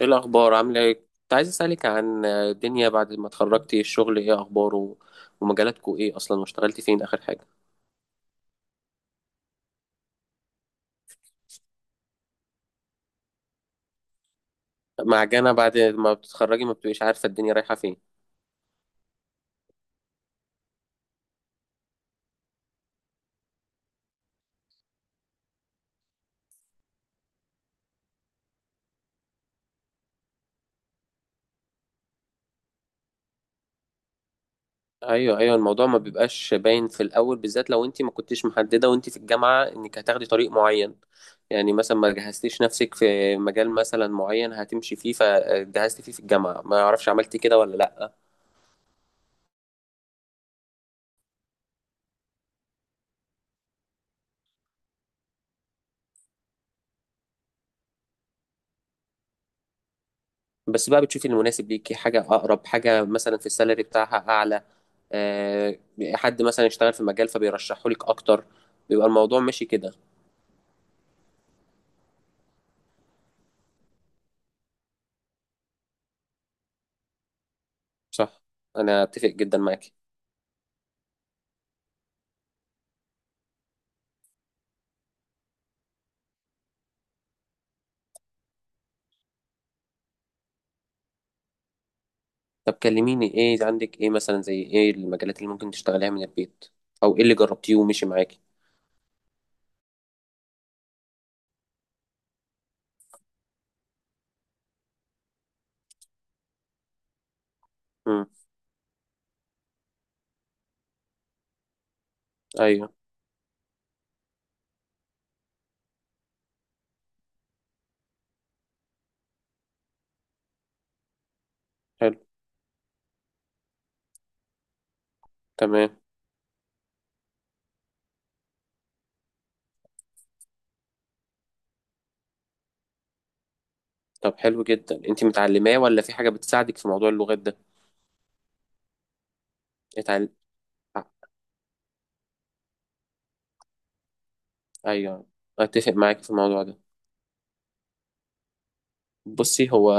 ايه الاخبار، عامله ايه؟ كنت عايز اسالك عن الدنيا بعد ما اتخرجتي، الشغل ايه اخباره؟ ومجالاتكو ايه اصلا؟ واشتغلتي فين اخر حاجه؟ معجنه، بعد ما بتتخرجي ما بتبقيش عارفه الدنيا رايحه فين. ايوه، ايوه، الموضوع ما بيبقاش باين في الاول، بالذات لو انت ما كنتيش محدده وانت في الجامعه انك هتاخدي طريق معين. يعني مثلا ما جهزتيش نفسك في مجال مثلا معين هتمشي فيه فجهزتي فيه في الجامعه، ما اعرفش عملتي كده ولا لا. بس بقى بتشوفي المناسب ليكي، حاجة أقرب، حاجة مثلا في السالري بتاعها أعلى. آه، حد مثلا يشتغل في مجال فبيرشحه لك أكتر. بيبقى الموضوع ماشي كده. صح. أنا أتفق جدا معاكي. طب كلميني، إيه عندك إيه مثلا زي إيه المجالات اللي ممكن تشتغليها من البيت؟ أو إيه اللي جربتيه ومشي معاكي؟ امم. أيوه. حلو. تمام. طب حلو جدا، أنت متعلماه ولا في حاجة بتساعدك في موضوع اللغات ده؟ اتعلم. أيوه. أتفق معاكي في الموضوع ده. بصي، هو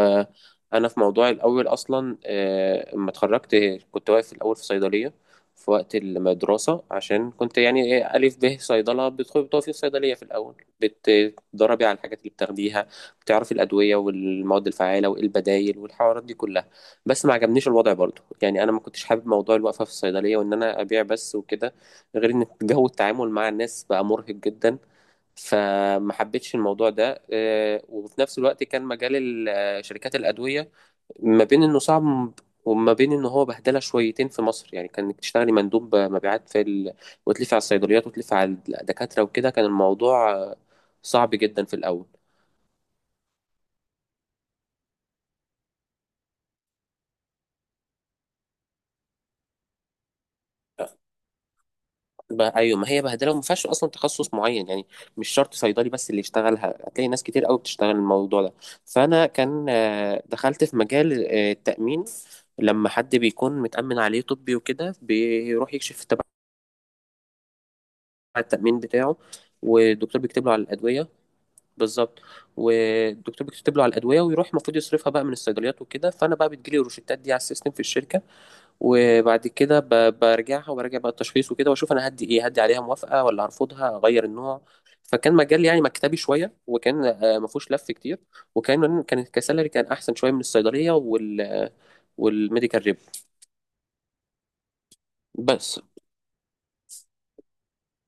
انا في موضوعي الاول اصلا، لما اتخرجت كنت واقف في الاول في صيدليه في وقت المدرسه، عشان كنت يعني ايه الف ب صيدله بتدخلي بتقفي في صيدليه في الاول. بتدربي على الحاجات اللي بتاخديها. بتعرفي الادويه والمواد الفعاله وايه البدايل والحوارات دي كلها. بس ما عجبنيش الوضع برضه، يعني انا ما كنتش حابب موضوع الوقفه في الصيدليه وان انا ابيع بس وكده. غير ان جو التعامل مع الناس بقى مرهق جدا. فما حبيتش الموضوع ده. وفي نفس الوقت كان مجال شركات الأدوية ما بين إنه صعب وما بين إنه هو بهدلة شويتين في مصر، يعني كان إنك تشتغلي مندوب مبيعات وتلفي على الصيدليات وتلفي على الدكاترة وكده، كان الموضوع صعب جدا في الأول. بقى ايوه، ما هي بهدله وما فيهاش اصلا تخصص معين يعني. مش شرط صيدلي بس اللي يشتغلها، هتلاقي ناس كتير قوي بتشتغل الموضوع ده. فانا كان دخلت في مجال التامين. لما حد بيكون متامن عليه طبي وكده بيروح يكشف تبع التامين بتاعه. والدكتور بيكتب له على الادويه. بالظبط. والدكتور بيكتب له على الادويه ويروح المفروض يصرفها بقى من الصيدليات وكده، فانا بقى بتجيلي الروشتات دي على السيستم في الشركه. وبعد كده برجعها وبراجع بقى التشخيص وكده واشوف انا هدي ايه، هدي عليها موافقه ولا هرفضها اغير النوع. فكان مجال يعني مكتبي شويه، وكان ما فيهوش لف كتير. وكان كسالري كان احسن شويه من الصيدليه والميديكال ريب. بس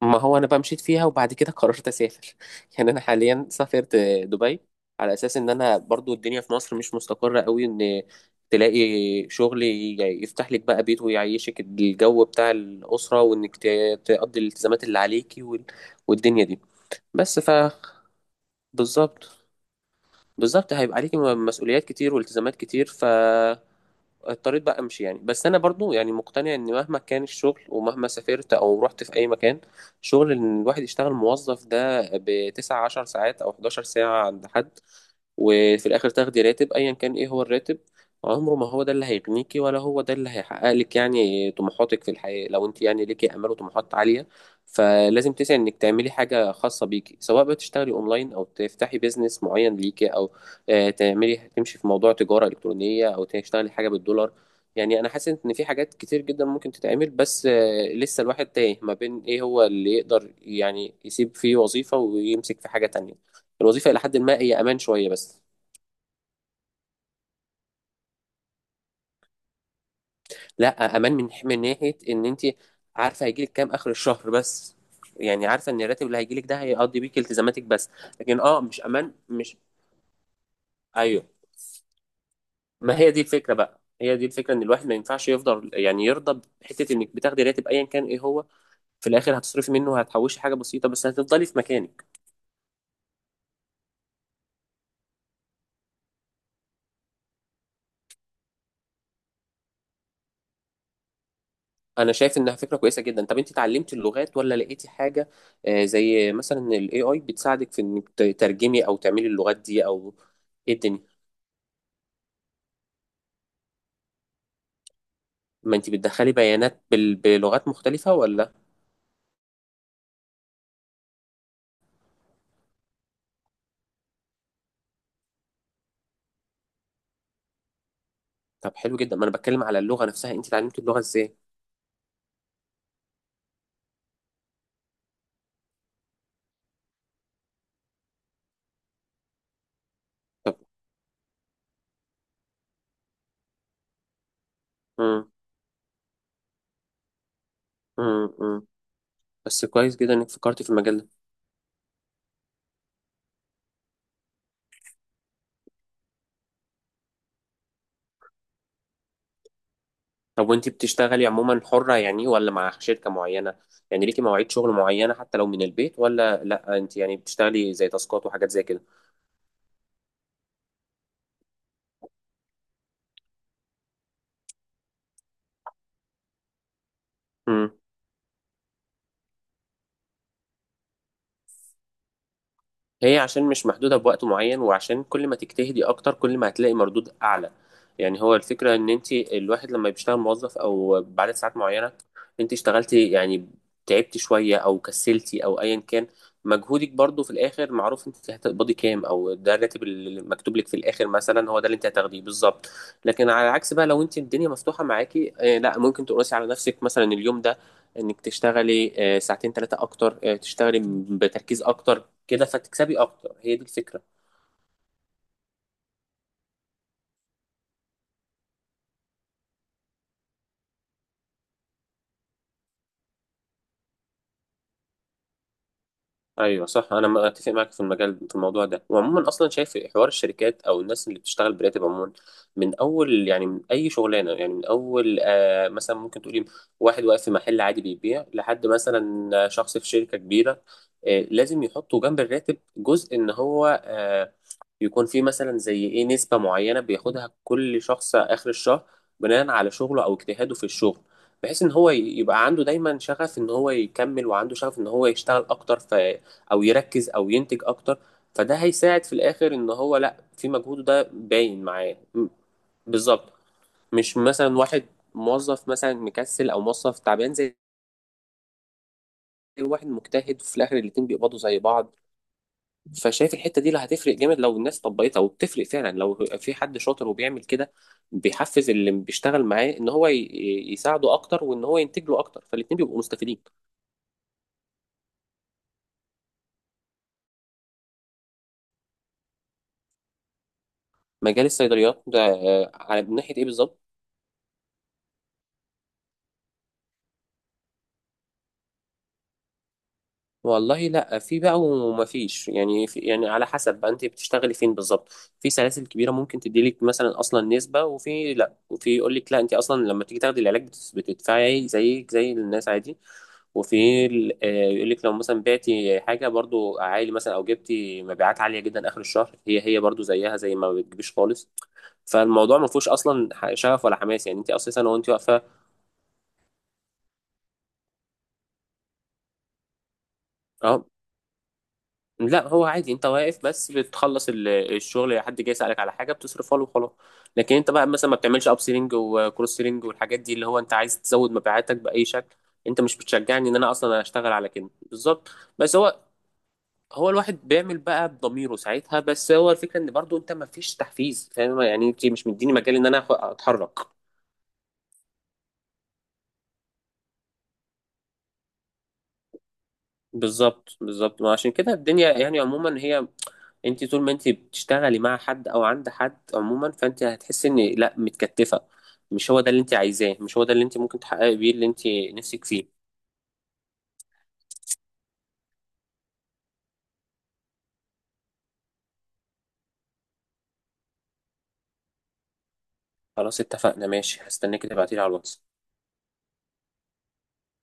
ما هو انا بقى مشيت فيها، وبعد كده قررت اسافر يعني انا حاليا سافرت دبي، على اساس ان انا برضو الدنيا في مصر مش مستقرة قوي ان تلاقي شغل يفتح لك بقى بيت ويعيشك الجو بتاع الأسرة وانك تقضي الالتزامات اللي عليكي والدنيا دي. بس بالظبط، بالظبط، هيبقى عليكي مسؤوليات كتير والتزامات كتير، ف اضطريت بقى امشي يعني. بس انا برضو يعني مقتنع ان مهما كان الشغل ومهما سافرت او رحت في اي مكان شغل، ان الواحد يشتغل موظف ده بـ19 ساعات او 11 ساعة عند حد، وفي الاخر تاخدي راتب ايا كان ايه هو الراتب، عمره ما هو ده اللي هيغنيكي ولا هو ده اللي هيحقق لك يعني طموحاتك في الحياة. لو انت يعني ليكي امال وطموحات عالية، فلازم تسعي انك تعملي حاجة خاصة بيكي، سواء بقى تشتغلي اونلاين او تفتحي بيزنس معين ليكي او تعملي تمشي في موضوع تجارة الكترونية او تشتغلي حاجة بالدولار. يعني انا حاسس ان في حاجات كتير جدا ممكن تتعمل، بس لسه الواحد تايه ما بين ايه هو اللي يقدر يعني يسيب فيه وظيفة ويمسك في حاجة تانية. الوظيفة إلى حد ما هي أمان شوية بس. لا، امان من ناحيه ان انت عارفه هيجيلك كام اخر الشهر بس. يعني عارفه ان الراتب اللي هيجيلك ده هيقضي بيك التزاماتك بس. لكن مش امان، مش. ايوه، ما هي دي الفكره بقى، هي دي الفكره ان الواحد ما ينفعش يفضل يعني يرضى بحته، انك بتاخدي راتب ايا كان ايه هو. في الاخر هتصرفي منه وهتحوشي حاجه بسيطه بس هتفضلي في مكانك. انا شايف انها فكره كويسه جدا. طب انت اتعلمتي اللغات ولا لقيتي حاجه زي مثلا الاي اي بتساعدك في انك تترجمي او تعملي اللغات دي او؟ ايه الدنيا؟ ما انت بتدخلي بيانات بلغات مختلفة ولا؟ طب حلو جدا، ما انا بتكلم على اللغة نفسها، انت اتعلمتي اللغة ازاي؟ طب. امم. امم. بس كويس جدا انك فكرتي في المجال ده. طب وانت بتشتغلي عموما حرة يعني ولا مع شركة معينة؟ يعني ليكي مواعيد شغل معينة حتى لو من البيت ولا لا، انت يعني بتشتغلي زي تاسكات وحاجات زي كده؟ هي عشان مش محدودة بوقت معين وعشان كل ما تجتهدي أكتر كل ما هتلاقي مردود أعلى. يعني هو الفكرة إن أنت الواحد لما بيشتغل موظف أو بعد ساعات معينة، أنت اشتغلتي يعني تعبتي شوية أو كسلتي أو أيا كان، مجهودك برضو في الآخر معروف، أنت هتقبضي كام أو ده الراتب اللي مكتوب لك في الآخر مثلا، هو ده اللي أنت هتاخديه بالظبط. لكن على العكس بقى لو أنت الدنيا مفتوحة معاكي، لا ممكن تقرسي على نفسك مثلا اليوم ده انك تشتغلي ساعتين ثلاثة اكتر، تشتغلي بتركيز اكتر كده فتكسبي اكتر، هي دي الفكرة. ايوه صح، انا اتفق معاك في المجال في الموضوع ده. وعموما اصلا شايف حوار الشركات او الناس اللي بتشتغل براتب عموما، من اول يعني من اي شغلانه، يعني من اول مثلا ممكن تقولي واحد واقف في محل عادي بيبيع لحد مثلا شخص في شركه كبيره، لازم يحطوا جنب الراتب جزء ان هو يكون فيه مثلا زي ايه نسبه معينه بياخدها كل شخص اخر الشهر، بناء على شغله او اجتهاده في الشغل، بحيث ان هو يبقى عنده دايما شغف ان هو يكمل وعنده شغف ان هو يشتغل اكتر او يركز او ينتج اكتر. فده هيساعد في الاخر ان هو لا، في مجهوده ده باين معاه بالظبط. مش مثلا واحد موظف مثلا مكسل او موظف تعبان زي واحد مجتهد في الاخر الاتنين بيقبضوا زي بعض. فشايف الحته دي اللي هتفرق جامد لو الناس طبقتها، وبتفرق فعلا لو في حد شاطر وبيعمل كده، بيحفز اللي بيشتغل معاه ان هو يساعده اكتر وان هو ينتج له اكتر، فالاتنين بيبقوا مستفيدين. مجال الصيدليات ده على من ناحيه ايه بالظبط؟ والله لا، في بقى وما فيش يعني، في يعني على حسب بقى انت بتشتغلي فين بالظبط. في سلاسل كبيره ممكن تديلك مثلا اصلا نسبه، وفي لا، وفي يقول لك لا انت اصلا لما تيجي تاخدي العلاج بتدفعي زيك زي الناس عادي. وفي يقول لك لو مثلا بعتي حاجه برضو عالي مثلا او جبتي مبيعات عاليه جدا اخر الشهر، هي هي برضو زيها زي ما بتجيبيش خالص. فالموضوع ما فيهوش اصلا شغف ولا حماس يعني، انت اساسا وانت واقفه اهو، لا هو عادي انت واقف بس بتخلص الشغل، حد جاي يسألك على حاجة بتصرفها له وخلاص. لكن انت بقى مثلا ما بتعملش اب سيلينج وكروس سيلينج والحاجات دي اللي هو انت عايز تزود مبيعاتك بأي شكل، انت مش بتشجعني ان انا اصلا اشتغل على كده بالظبط. بس هو، هو الواحد بيعمل بقى بضميره ساعتها، بس هو الفكرة ان برضو انت ما فيش تحفيز فاهم يعني، انت مش مديني مجال ان انا اتحرك. بالظبط، بالظبط، ما عشان كده الدنيا يعني عموما، هي انت طول ما انت بتشتغلي مع حد او عند حد عموما فانت هتحسي ان لا، متكتفه. مش هو ده اللي انت عايزاه، مش هو ده اللي انت ممكن تحققي بيه اللي انت نفسك فيه. خلاص اتفقنا ماشي، هستناك تبعتيلي على الواتس.